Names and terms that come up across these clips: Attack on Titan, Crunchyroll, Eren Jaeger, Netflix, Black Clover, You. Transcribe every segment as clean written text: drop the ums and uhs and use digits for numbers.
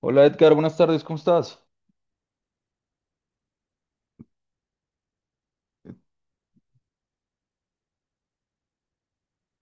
Hola Edgar, buenas tardes, ¿cómo estás?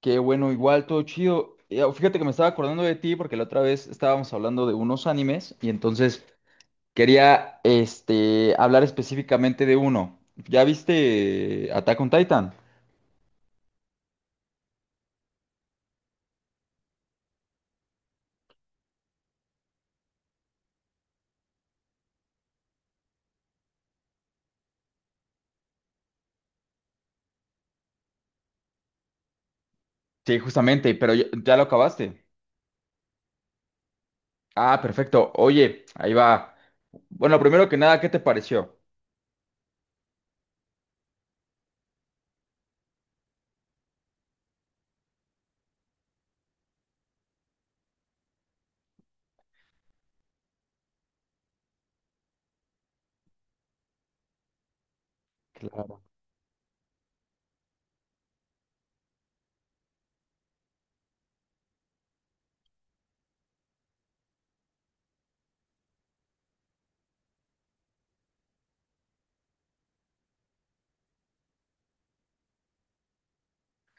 Qué bueno, igual, todo chido. Oh, Fíjate que me estaba acordando de ti porque la otra vez estábamos hablando de unos animes y entonces quería hablar específicamente de uno. ¿Ya viste Attack on Titan? Sí, justamente, pero ya lo acabaste. Ah, perfecto. Oye, ahí va. Bueno, primero que nada, ¿qué te pareció? Claro.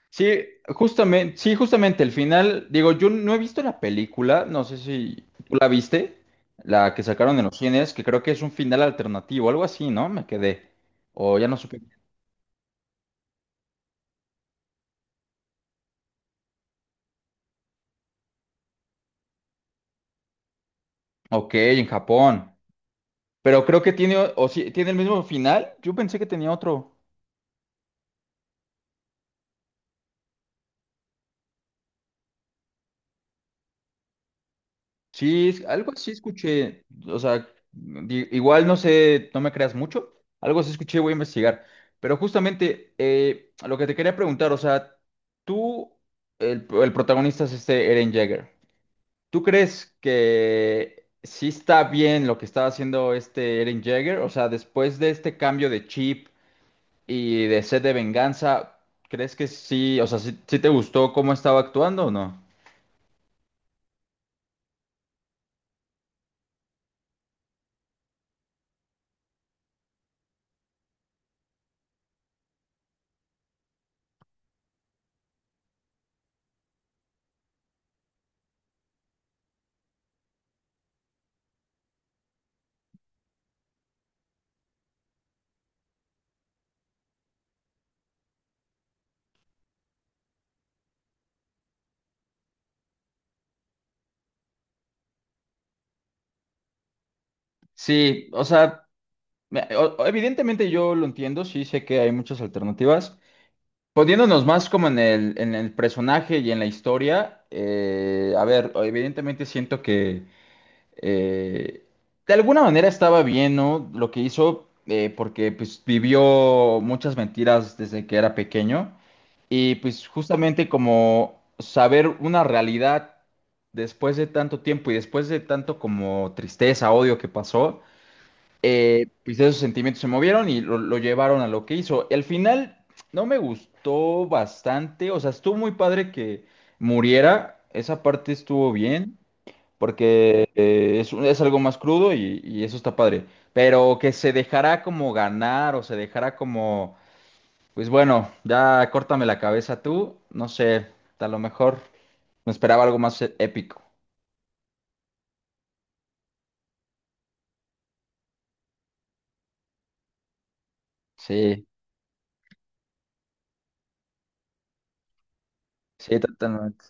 Sí, sí, justamente el final, digo, yo no he visto la película, no sé si tú la viste, la que sacaron en los cines, que creo que es un final alternativo, algo así, ¿no? Me quedé. O ya no supe. Ok, en Japón. Pero creo que tiene, o sí, tiene el mismo final. Yo pensé que tenía otro. Sí, algo así escuché, o sea, igual no sé, no me creas mucho, algo así escuché, voy a investigar, pero justamente lo que te quería preguntar, o sea, tú, el protagonista es este Eren Jaeger. ¿Tú crees que sí está bien lo que estaba haciendo este Eren Jaeger? O sea, después de este cambio de chip y de sed de venganza, ¿crees que sí, o sea, sí te gustó cómo estaba actuando o no? Sí, o sea... Evidentemente yo lo entiendo, sí sé que hay muchas alternativas. Poniéndonos más como en el personaje y en la historia, a ver, evidentemente siento que eh, de alguna manera estaba bien, ¿no? Lo que hizo, porque pues vivió muchas mentiras desde que era pequeño. Y pues justamente como saber una realidad después de tanto tiempo y después de tanto como tristeza, odio que pasó, pues esos sentimientos se movieron y lo llevaron a lo que hizo. El final no me gustó bastante, o sea, estuvo muy padre que muriera, esa parte estuvo bien, porque es, es algo más crudo y eso está padre, pero que se dejará como ganar o se dejará como, pues bueno, ya córtame la cabeza tú, no sé, a lo mejor me esperaba algo más épico. Sí, sí, totalmente.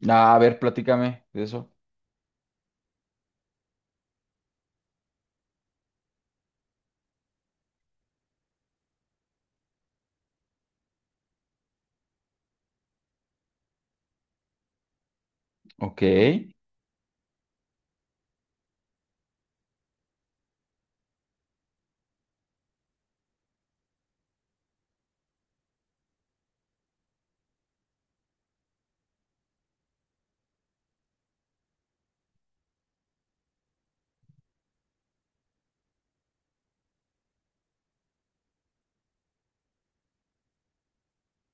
No, a ver, platícame de eso. Ok.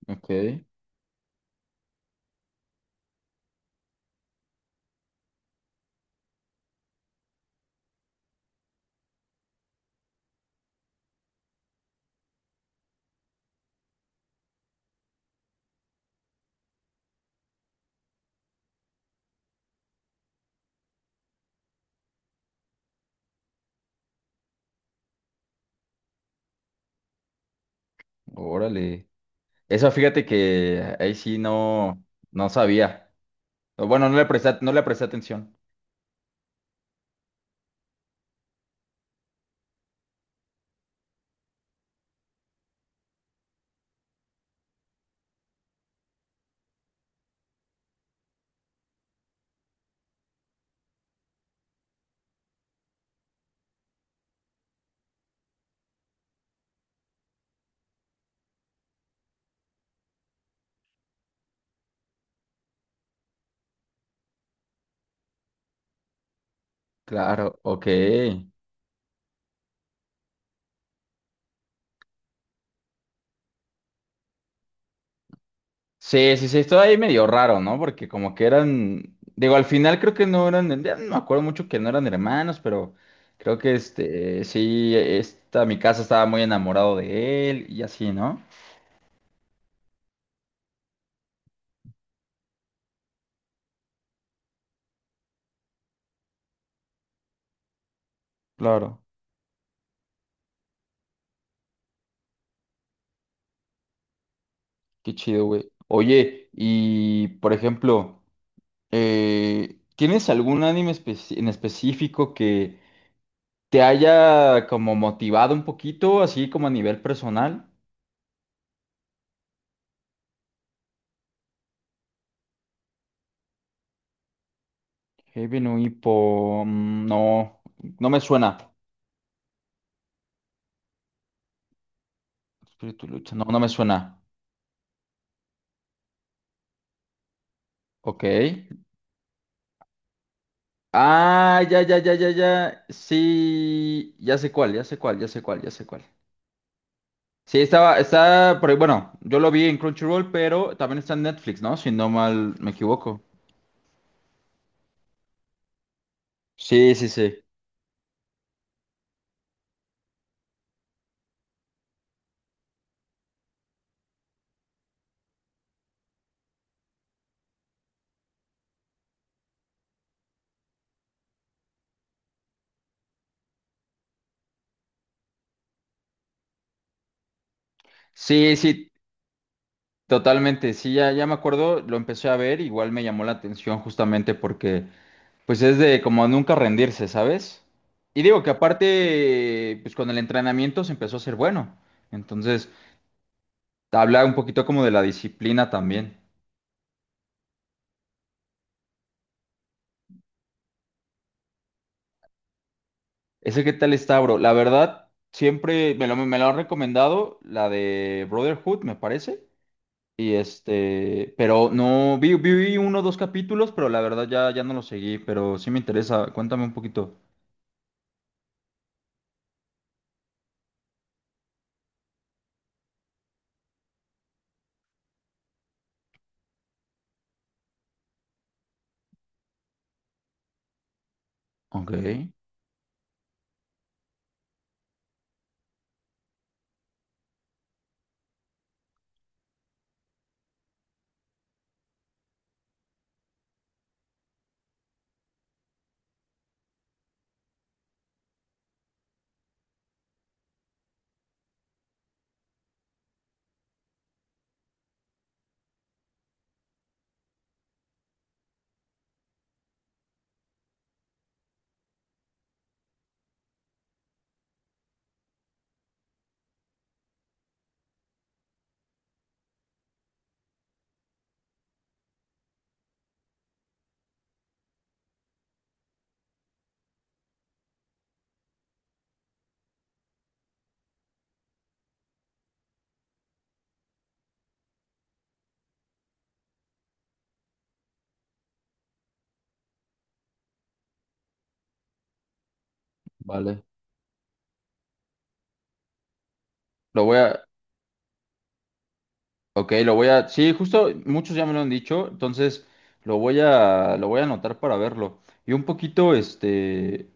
Ok, órale. Eso fíjate que ahí sí no, no sabía. O bueno, no le presté, no le presté atención. Claro, ok. Sí, sí, sí, esto ahí medio raro, ¿no? Porque como que eran, digo, al final creo que no eran, ya no me acuerdo mucho que no eran hermanos, pero creo que sí, esta, mi casa estaba muy enamorado de él y así, ¿no? Claro, qué chido, güey. Oye, y por ejemplo... ¿tienes algún anime en específico que te haya como motivado un poquito, así como a nivel personal? Heavy no Hippo, mm, no, no me suena. Espíritu lucha, no, no me suena. Ok. Ah, ya, ya, ya, ya, ya. Sí, ya sé cuál, ya sé cuál, ya sé cuál, ya sé cuál. Sí, estaba, está por ahí, bueno, yo lo vi en Crunchyroll, pero también está en Netflix, ¿no? Si no mal me equivoco. Sí, sí, sí. Sí, sí, totalmente, sí, ya me acuerdo, lo empecé a ver, igual me llamó la atención justamente porque pues es de como nunca rendirse, ¿sabes? Y digo que aparte, pues con el entrenamiento se empezó a ser bueno, entonces habla un poquito como de la disciplina también. Ese qué tal está, bro, la verdad, siempre me lo han recomendado, la de Brotherhood, me parece, y pero no, vi uno o dos capítulos, pero la verdad ya, ya no lo seguí, pero sí me interesa, cuéntame un poquito. Ok. Vale. Lo voy a, ok, lo voy a, sí, justo muchos ya me lo han dicho, entonces lo voy a anotar para verlo. Y un poquito,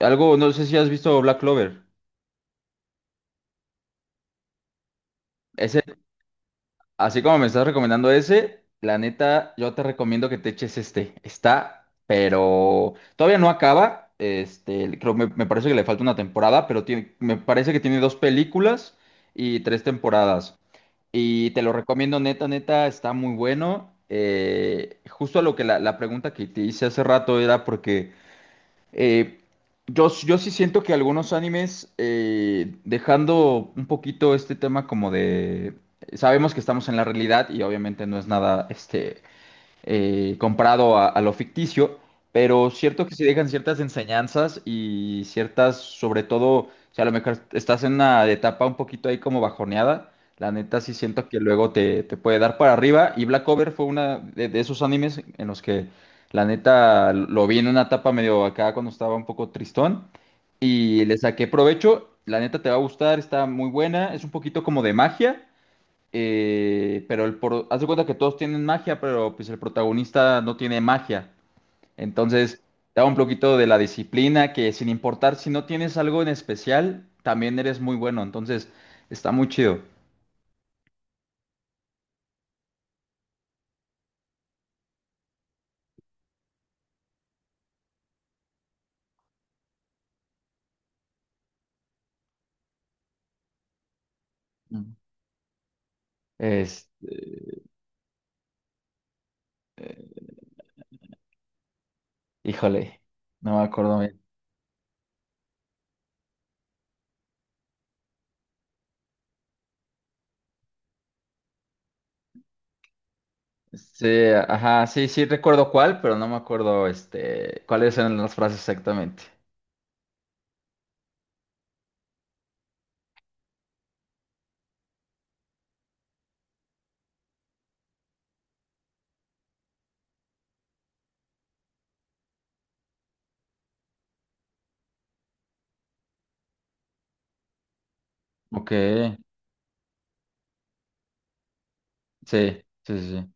algo, no sé si has visto Black Clover. Ese, así como me estás recomendando ese, la neta, yo te recomiendo que te eches este. Está, pero todavía no acaba. Creo, me parece que le falta una temporada, pero tiene, me parece que tiene dos películas y tres temporadas. Y te lo recomiendo, neta, neta, está muy bueno. Justo a lo que la pregunta que te hice hace rato era porque eh, yo, yo sí siento que algunos animes, dejando un poquito este tema como de... Sabemos que estamos en la realidad y obviamente no es nada, comparado a lo ficticio, pero cierto que sí dejan ciertas enseñanzas y ciertas, sobre todo, o sea, a lo mejor estás en una etapa un poquito ahí como bajoneada, la neta sí siento que luego te puede dar para arriba y Black Clover fue una de esos animes en los que la neta lo vi en una etapa medio acá cuando estaba un poco tristón y le saqué provecho, la neta te va a gustar, está muy buena, es un poquito como de magia. Pero el por... haz de cuenta que todos tienen magia, pero pues el protagonista no tiene magia. Entonces, da un poquito de la disciplina que sin importar si no tienes algo en especial, también eres muy bueno. Entonces, está muy chido. Mm. Es, híjole, no me acuerdo bien. Sí, ajá, sí, sí recuerdo cuál, pero no me acuerdo cuáles eran las frases exactamente. Ok, sí, sí, sí. Sí.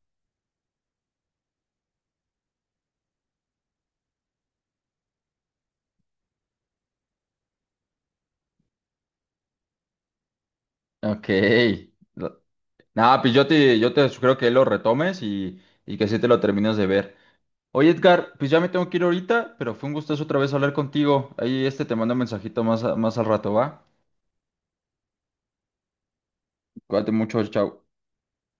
Ok. Nada, pues yo te sugiero que lo retomes y que sí te lo termines de ver. Oye, Edgar, pues ya me tengo que ir ahorita, pero fue un gustazo otra vez hablar contigo. Ahí este te mando un mensajito más, más al rato, ¿va? Cuídate mucho, chao.